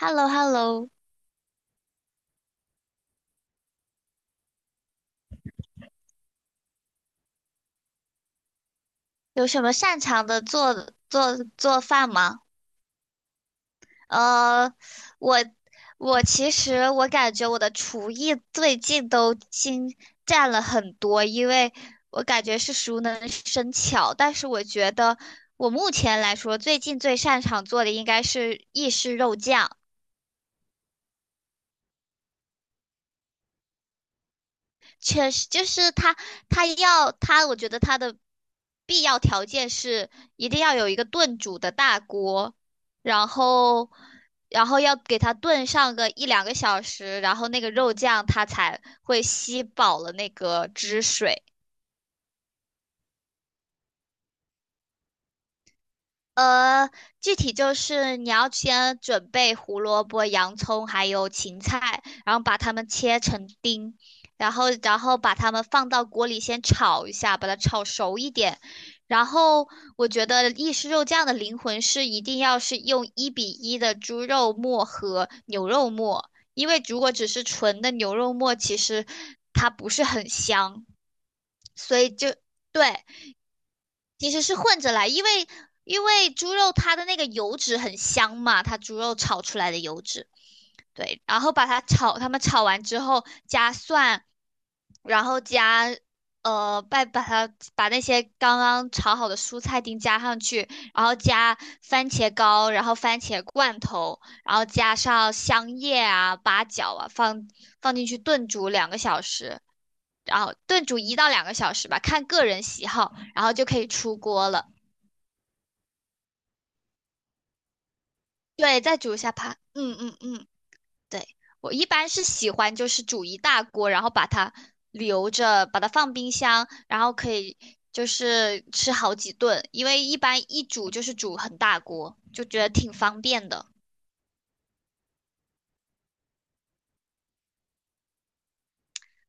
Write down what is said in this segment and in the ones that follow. Hello hello。 有什么擅长的做做饭吗？呃，我我其实我感觉我的厨艺最近都精湛了很多，因为我感觉是熟能生巧。但是我觉得我目前来说，最近最擅长做的应该是意式肉酱。确实就是他，他要他，我觉得他的必要条件是一定要有一个炖煮的大锅，然后，然后要给它炖上个一两个小时，然后那个肉酱它才会吸饱了那个汁水。呃，具体就是你要先准备胡萝卜、洋葱还有芹菜，然后把它们切成丁，然后把它们放到锅里先炒一下，把它炒熟一点。然后我觉得意式肉酱的灵魂是一定要是用1:1的猪肉末和牛肉末，因为如果只是纯的牛肉末，其实它不是很香，所以就对。其实是混着来，因为猪肉它的那个油脂很香嘛，它猪肉炒出来的油脂，对，然后把它炒，他们炒完之后加蒜，然后加把那些刚刚炒好的蔬菜丁加上去，然后加番茄膏，然后番茄罐头，然后加上香叶啊、八角啊，放进去炖煮两个小时。然后炖煮1到2个小时吧，看个人喜好，然后就可以出锅了。对，再煮一下它。嗯嗯嗯，对，我一般是喜欢就是煮一大锅，然后把它留着，把它放冰箱，然后可以就是吃好几顿，因为一般一煮就是煮很大锅，就觉得挺方便的。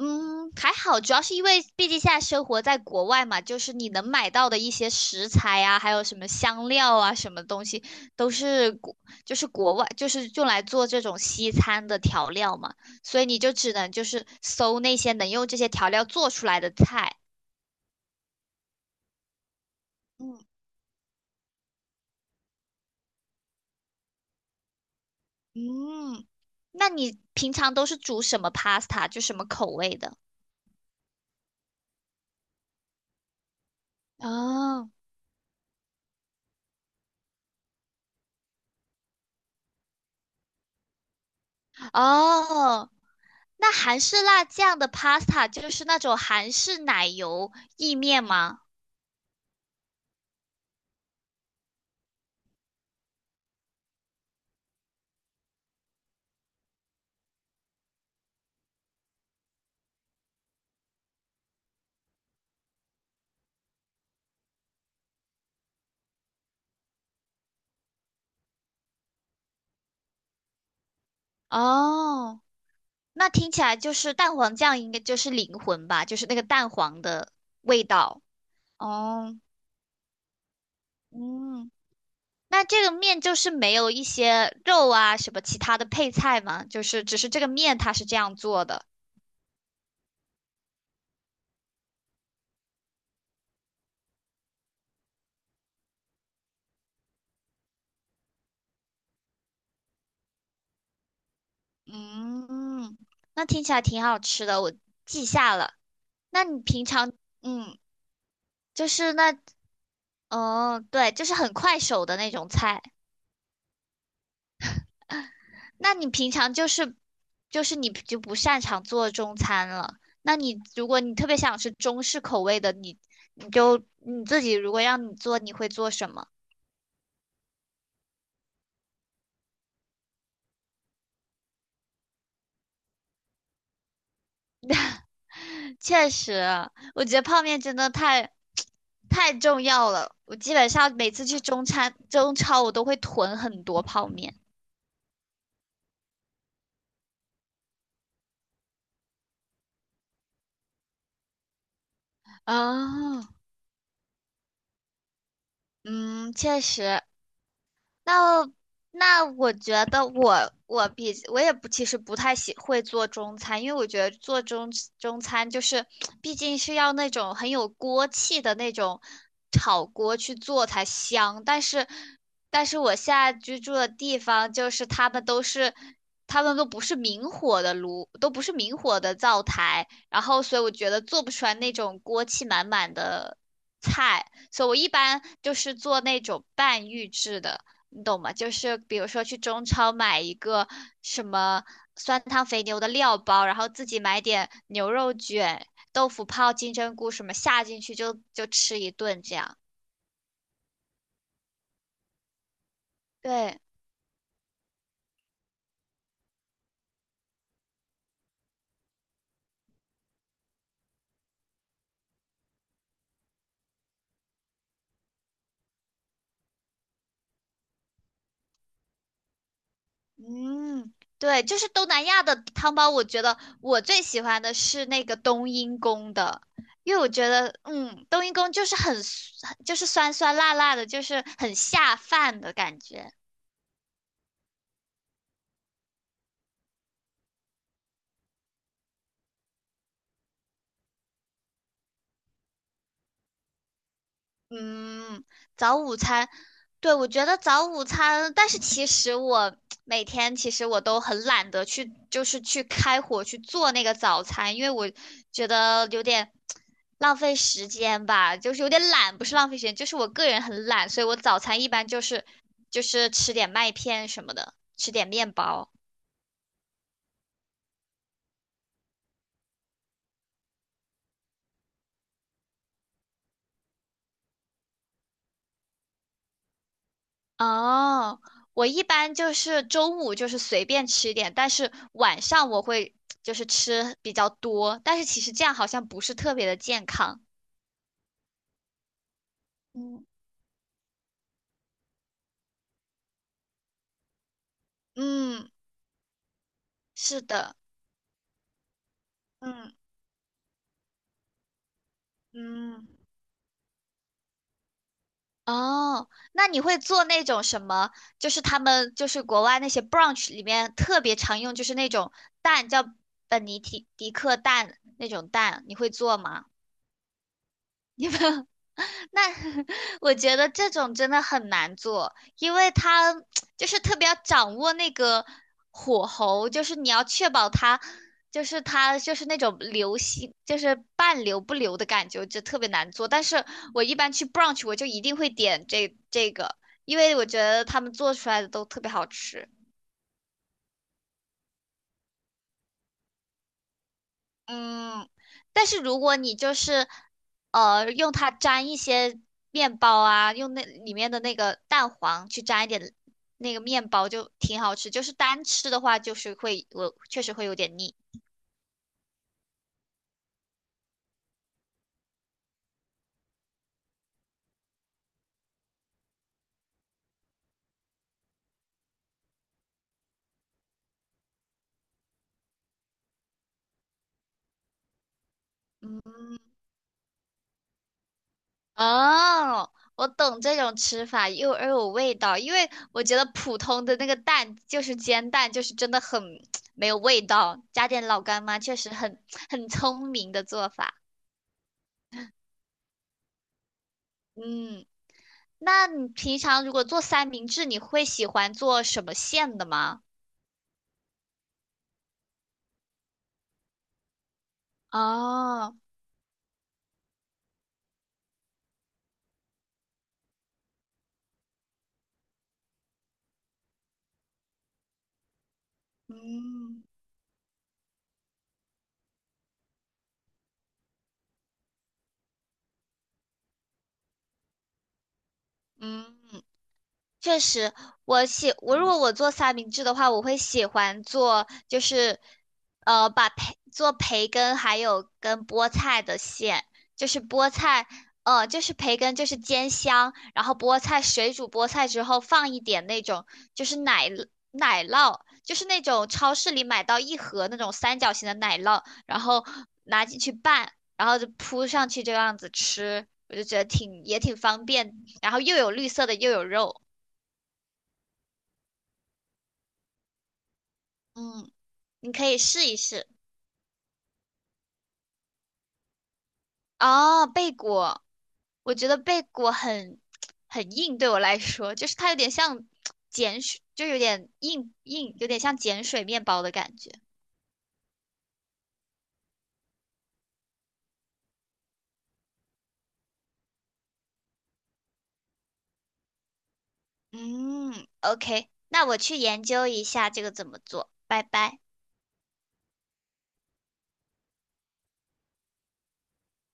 嗯，还好，主要是因为毕竟现在生活在国外嘛，就是你能买到的一些食材啊，还有什么香料啊，什么东西都是就是国外，就是用来做这种西餐的调料嘛，所以你就只能就是搜那些能用这些调料做出来的菜。嗯嗯，那你平常都是煮什么 pasta,就什么口味的？哦哦，那韩式辣酱的 pasta 就是那种韩式奶油意面吗？哦，那听起来就是蛋黄酱应该就是灵魂吧，就是那个蛋黄的味道。哦，嗯，那这个面就是没有一些肉啊什么其他的配菜吗？就是只是这个面它是这样做的。嗯，那听起来挺好吃的，我记下了。那你平常嗯，就是那哦，对，就是很快手的那种菜。那你平常就是你就不擅长做中餐了。那你如果你特别想吃中式口味的，你自己如果让你做，你会做什么？确实，我觉得泡面真的太 太重要了。我基本上每次去中超，我都会囤很多泡面。啊，嗯，确实，那那我觉得我比我也不其实不太喜会做中餐，因为我觉得做中餐就是毕竟是要那种很有锅气的那种炒锅去做才香。但是我现在居住的地方就是他们都不是明火的炉，都不是明火的灶台，然后所以我觉得做不出来那种锅气满满的菜，所以我一般就是做那种半预制的。你懂吗？就是比如说去中超买一个什么酸汤肥牛的料包，然后自己买点牛肉卷、豆腐泡、金针菇什么下进去就吃一顿这样。对，嗯，对，就是东南亚的汤包，我觉得我最喜欢的是那个冬阴功的，因为我觉得，嗯，冬阴功就是很就是酸酸辣辣的，就是很下饭的感觉。嗯，早午餐，对，我觉得早午餐，但是其实我每天其实我都很懒得去，就是去开火去做那个早餐，因为我觉得有点浪费时间吧，就是有点懒，不是浪费时间，就是我个人很懒，所以我早餐一般就是就是吃点麦片什么的，吃点面包。哦，我一般就是中午就是随便吃一点，但是晚上我会就是吃比较多，但是其实这样好像不是特别的健康。嗯嗯，是的。嗯嗯，哦，那你会做那种什么？就是他们就是国外那些 brunch 里面特别常用，就是那种蛋叫本尼提迪克蛋那种蛋，你会做吗？那 我觉得这种真的很难做，因为它就是特别要掌握那个火候，就是你要确保它，就是它就是那种流心，就是半流不流的感觉，就特别难做。但是我一般去 brunch,我就一定会点这个，因为我觉得他们做出来的都特别好吃。嗯，但是如果你就是用它沾一些面包啊，用那里面的那个蛋黄去沾一点那个面包，就挺好吃。就是单吃的话，就是会我确实会有点腻。嗯，哦，我懂这种吃法，又有味道，因为我觉得普通的那个蛋就是煎蛋，就是真的很 没有味道，加点老干妈确实很聪明的做法。嗯。那你平常如果做三明治，你会喜欢做什么馅的吗？哦，嗯嗯。确实，我喜我如果我做三明治的话，我会喜欢做就是，做培根还有跟菠菜的馅，就是菠菜，就是培根就是煎香，然后菠菜水煮菠菜之后放一点那种就是奶酪，就是那种超市里买到一盒那种三角形的奶酪，然后拿进去拌，然后就铺上去这样子吃，我就觉得挺也挺方便，然后又有绿色的又有肉。嗯，你可以试一试。哦，贝果，我觉得贝果很硬，对我来说，就是它有点像碱水，就有点硬硬，有点像碱水面包的感觉。嗯，OK,那我去研究一下这个怎么做，拜拜。